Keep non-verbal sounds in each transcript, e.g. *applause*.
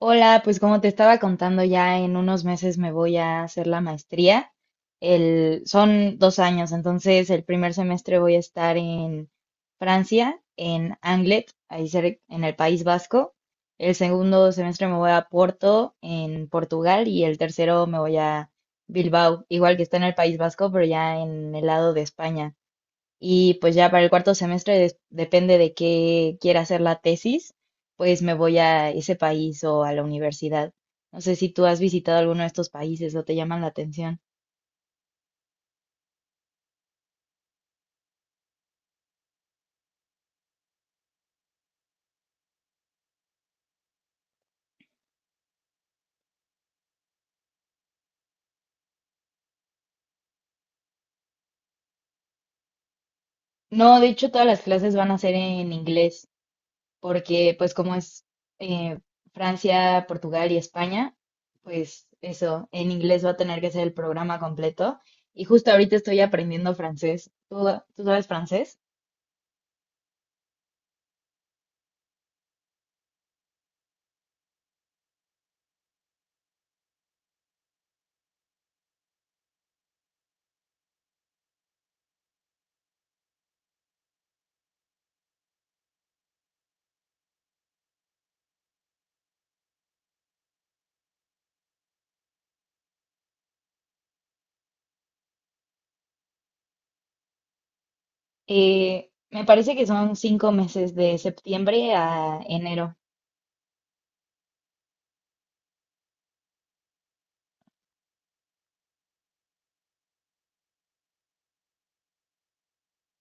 Hola, pues como te estaba contando, ya en unos meses me voy a hacer la maestría. El, son dos años, entonces el primer semestre voy a estar en Francia, en Anglet, ahí en el País Vasco. El segundo semestre me voy a Porto, en Portugal, y el tercero me voy a Bilbao, igual que está en el País Vasco, pero ya en el lado de España. Y pues ya para el cuarto semestre, depende de qué quiera hacer la tesis, pues me voy a ese país o a la universidad. No sé si tú has visitado alguno de estos países o te llaman la atención. No, de hecho todas las clases van a ser en inglés, porque pues como es eh, Francia, Portugal y España, pues eso, en inglés va a tener que ser el programa completo. Y justo ahorita estoy aprendiendo francés. ¿Tú sabes francés? Me parece que son cinco meses de septiembre a enero.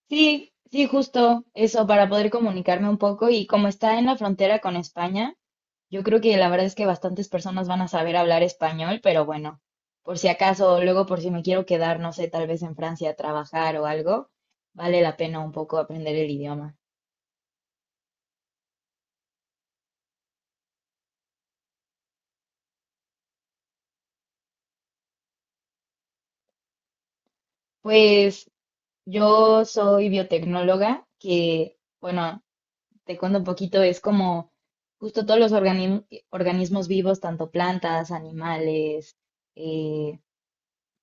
Sí, sí, justo eso, para poder comunicarme un poco. Y como está en la frontera con España, yo creo que la verdad es que bastantes personas van a saber hablar español, pero bueno, por si acaso, luego por si me quiero quedar, no sé, tal vez en Francia a trabajar o algo, vale la pena un poco aprender el idioma. Pues yo soy biotecnóloga, que bueno. Te cuento un poquito, es como justo todos los organismos vivos, tanto plantas, animales, eh,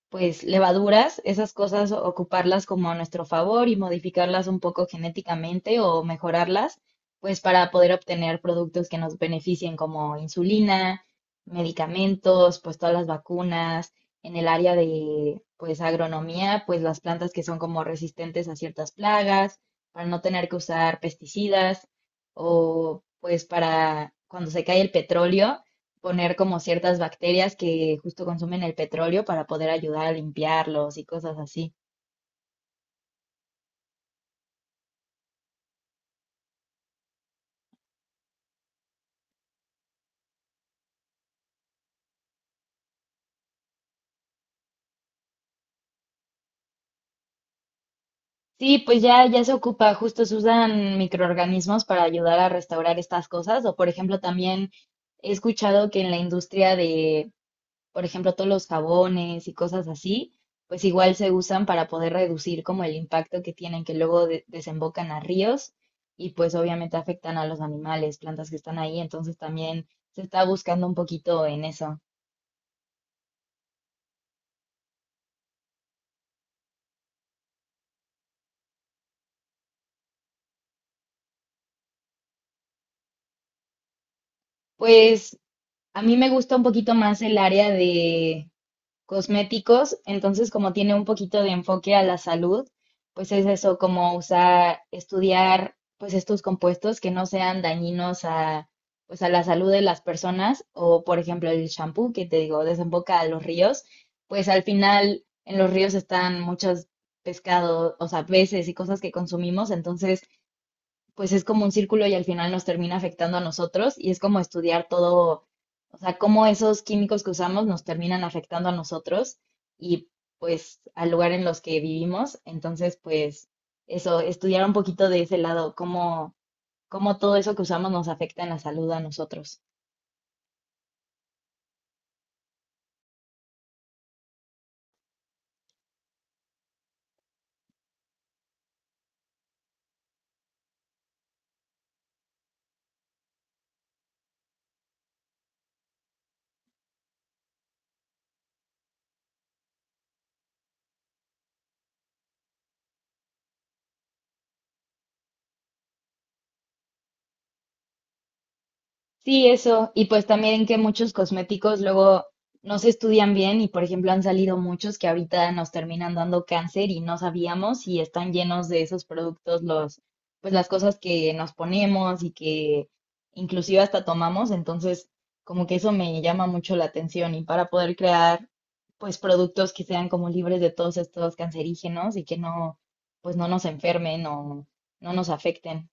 pues levaduras, esas cosas, ocuparlas como a nuestro favor y modificarlas un poco genéticamente o mejorarlas, pues para poder obtener productos que nos beneficien como insulina, medicamentos, pues todas las vacunas, en el área de pues agronomía, pues las plantas que son como resistentes a ciertas plagas, para no tener que usar pesticidas o pues para cuando se cae el petróleo poner como ciertas bacterias que justo consumen el petróleo para poder ayudar a limpiarlos y cosas así. Sí, pues ya se ocupa, justo se usan microorganismos para ayudar a restaurar estas cosas. O por ejemplo, también he escuchado que en la industria de, por ejemplo, todos los jabones y cosas así, pues igual se usan para poder reducir como el impacto que tienen, que luego desembocan a ríos y pues obviamente afectan a los animales, plantas que están ahí. Entonces también se está buscando un poquito en eso. Pues a mí me gusta un poquito más el área de cosméticos, entonces como tiene un poquito de enfoque a la salud, pues es eso, como usar, estudiar pues estos compuestos que no sean dañinos a pues a la salud de las personas o por ejemplo el shampoo que te digo desemboca a los ríos, pues al final en los ríos están muchos pescados, o sea, peces y cosas que consumimos, entonces pues es como un círculo y al final nos termina afectando a nosotros y es como estudiar todo, o sea, cómo esos químicos que usamos nos terminan afectando a nosotros y pues al lugar en los que vivimos. Entonces, pues eso, estudiar un poquito de ese lado, cómo, cómo todo eso que usamos nos afecta en la salud a nosotros. Sí, eso. Y pues también que muchos cosméticos luego no se estudian bien y, por ejemplo, han salido muchos que ahorita nos terminan dando cáncer y no sabíamos y están llenos de esos productos los, pues las cosas que nos ponemos y que inclusive hasta tomamos. Entonces, como que eso me llama mucho la atención y para poder crear pues productos que sean como libres de todos estos cancerígenos y que no, pues no nos enfermen o no nos afecten.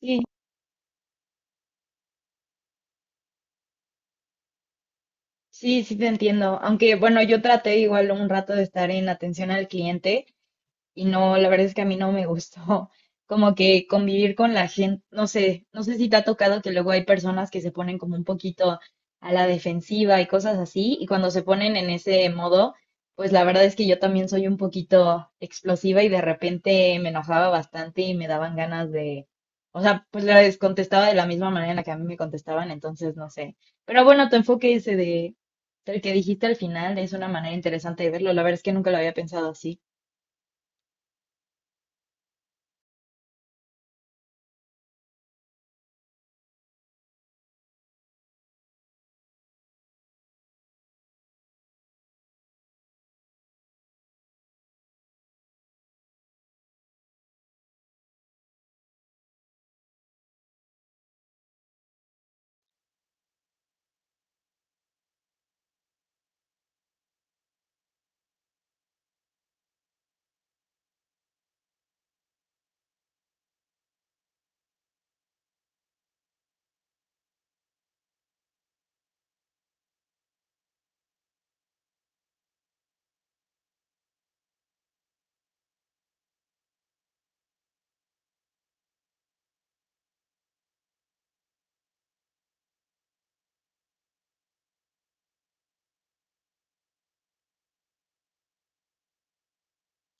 Sí. Sí, sí te entiendo. Aunque bueno, yo traté igual un rato de estar en atención al cliente y no, la verdad es que a mí no me gustó *laughs* como que convivir con la gente, no sé, no sé si te ha tocado que luego hay personas que se ponen como un poquito a la defensiva y cosas así, y cuando se ponen en ese modo, pues la verdad es que yo también soy un poquito explosiva y de repente me enojaba bastante y me daban ganas de, o sea, pues les contestaba de la misma manera en la que a mí me contestaban, entonces no sé. Pero bueno, tu enfoque ese de, del que dijiste al final es una manera interesante de verlo, la verdad es que nunca lo había pensado así.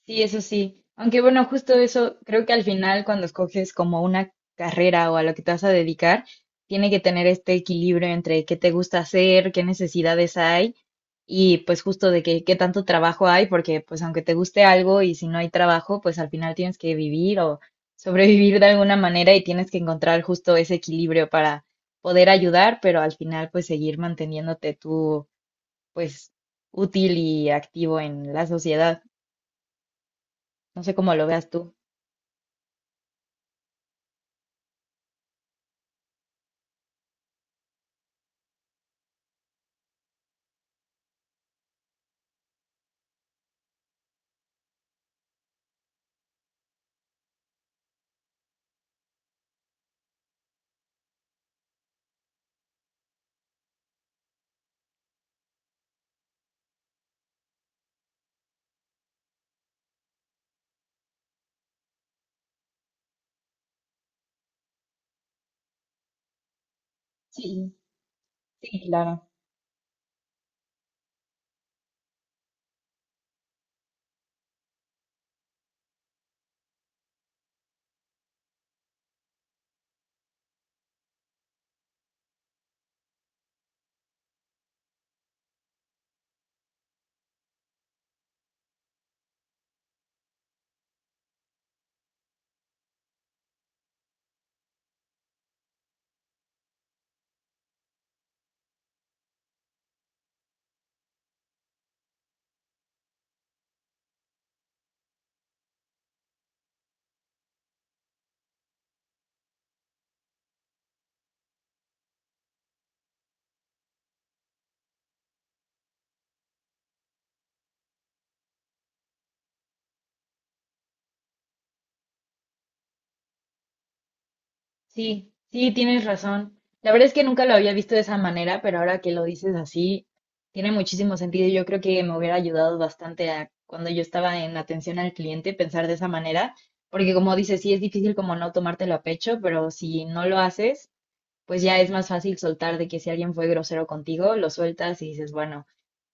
Sí, eso sí. Aunque bueno, justo eso, creo que al final cuando escoges como una carrera o a lo que te vas a dedicar, tiene que tener este equilibrio entre qué te gusta hacer, qué necesidades hay y pues justo de que, qué tanto trabajo hay, porque pues aunque te guste algo y si no hay trabajo, pues al final tienes que vivir o sobrevivir de alguna manera y tienes que encontrar justo ese equilibrio para poder ayudar, pero al final pues seguir manteniéndote tú pues útil y activo en la sociedad. No sé cómo lo veas tú. Sí, sí, claro. Sí, sí, tienes razón. La verdad es que nunca lo había visto de esa manera, pero ahora que lo dices así, tiene muchísimo sentido. Yo creo que me hubiera ayudado bastante a cuando yo estaba en atención al cliente pensar de esa manera, porque como dices, sí es difícil como no tomártelo a pecho, pero si no lo haces, pues ya es más fácil soltar de que si alguien fue grosero contigo, lo sueltas y dices, bueno.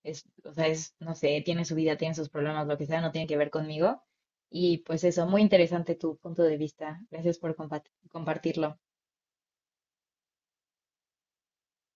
Es, o sea, es, no sé, tiene su vida, tiene sus problemas, lo que sea, no tiene que ver conmigo. Y pues eso, muy interesante tu punto de vista. Gracias por compartirlo.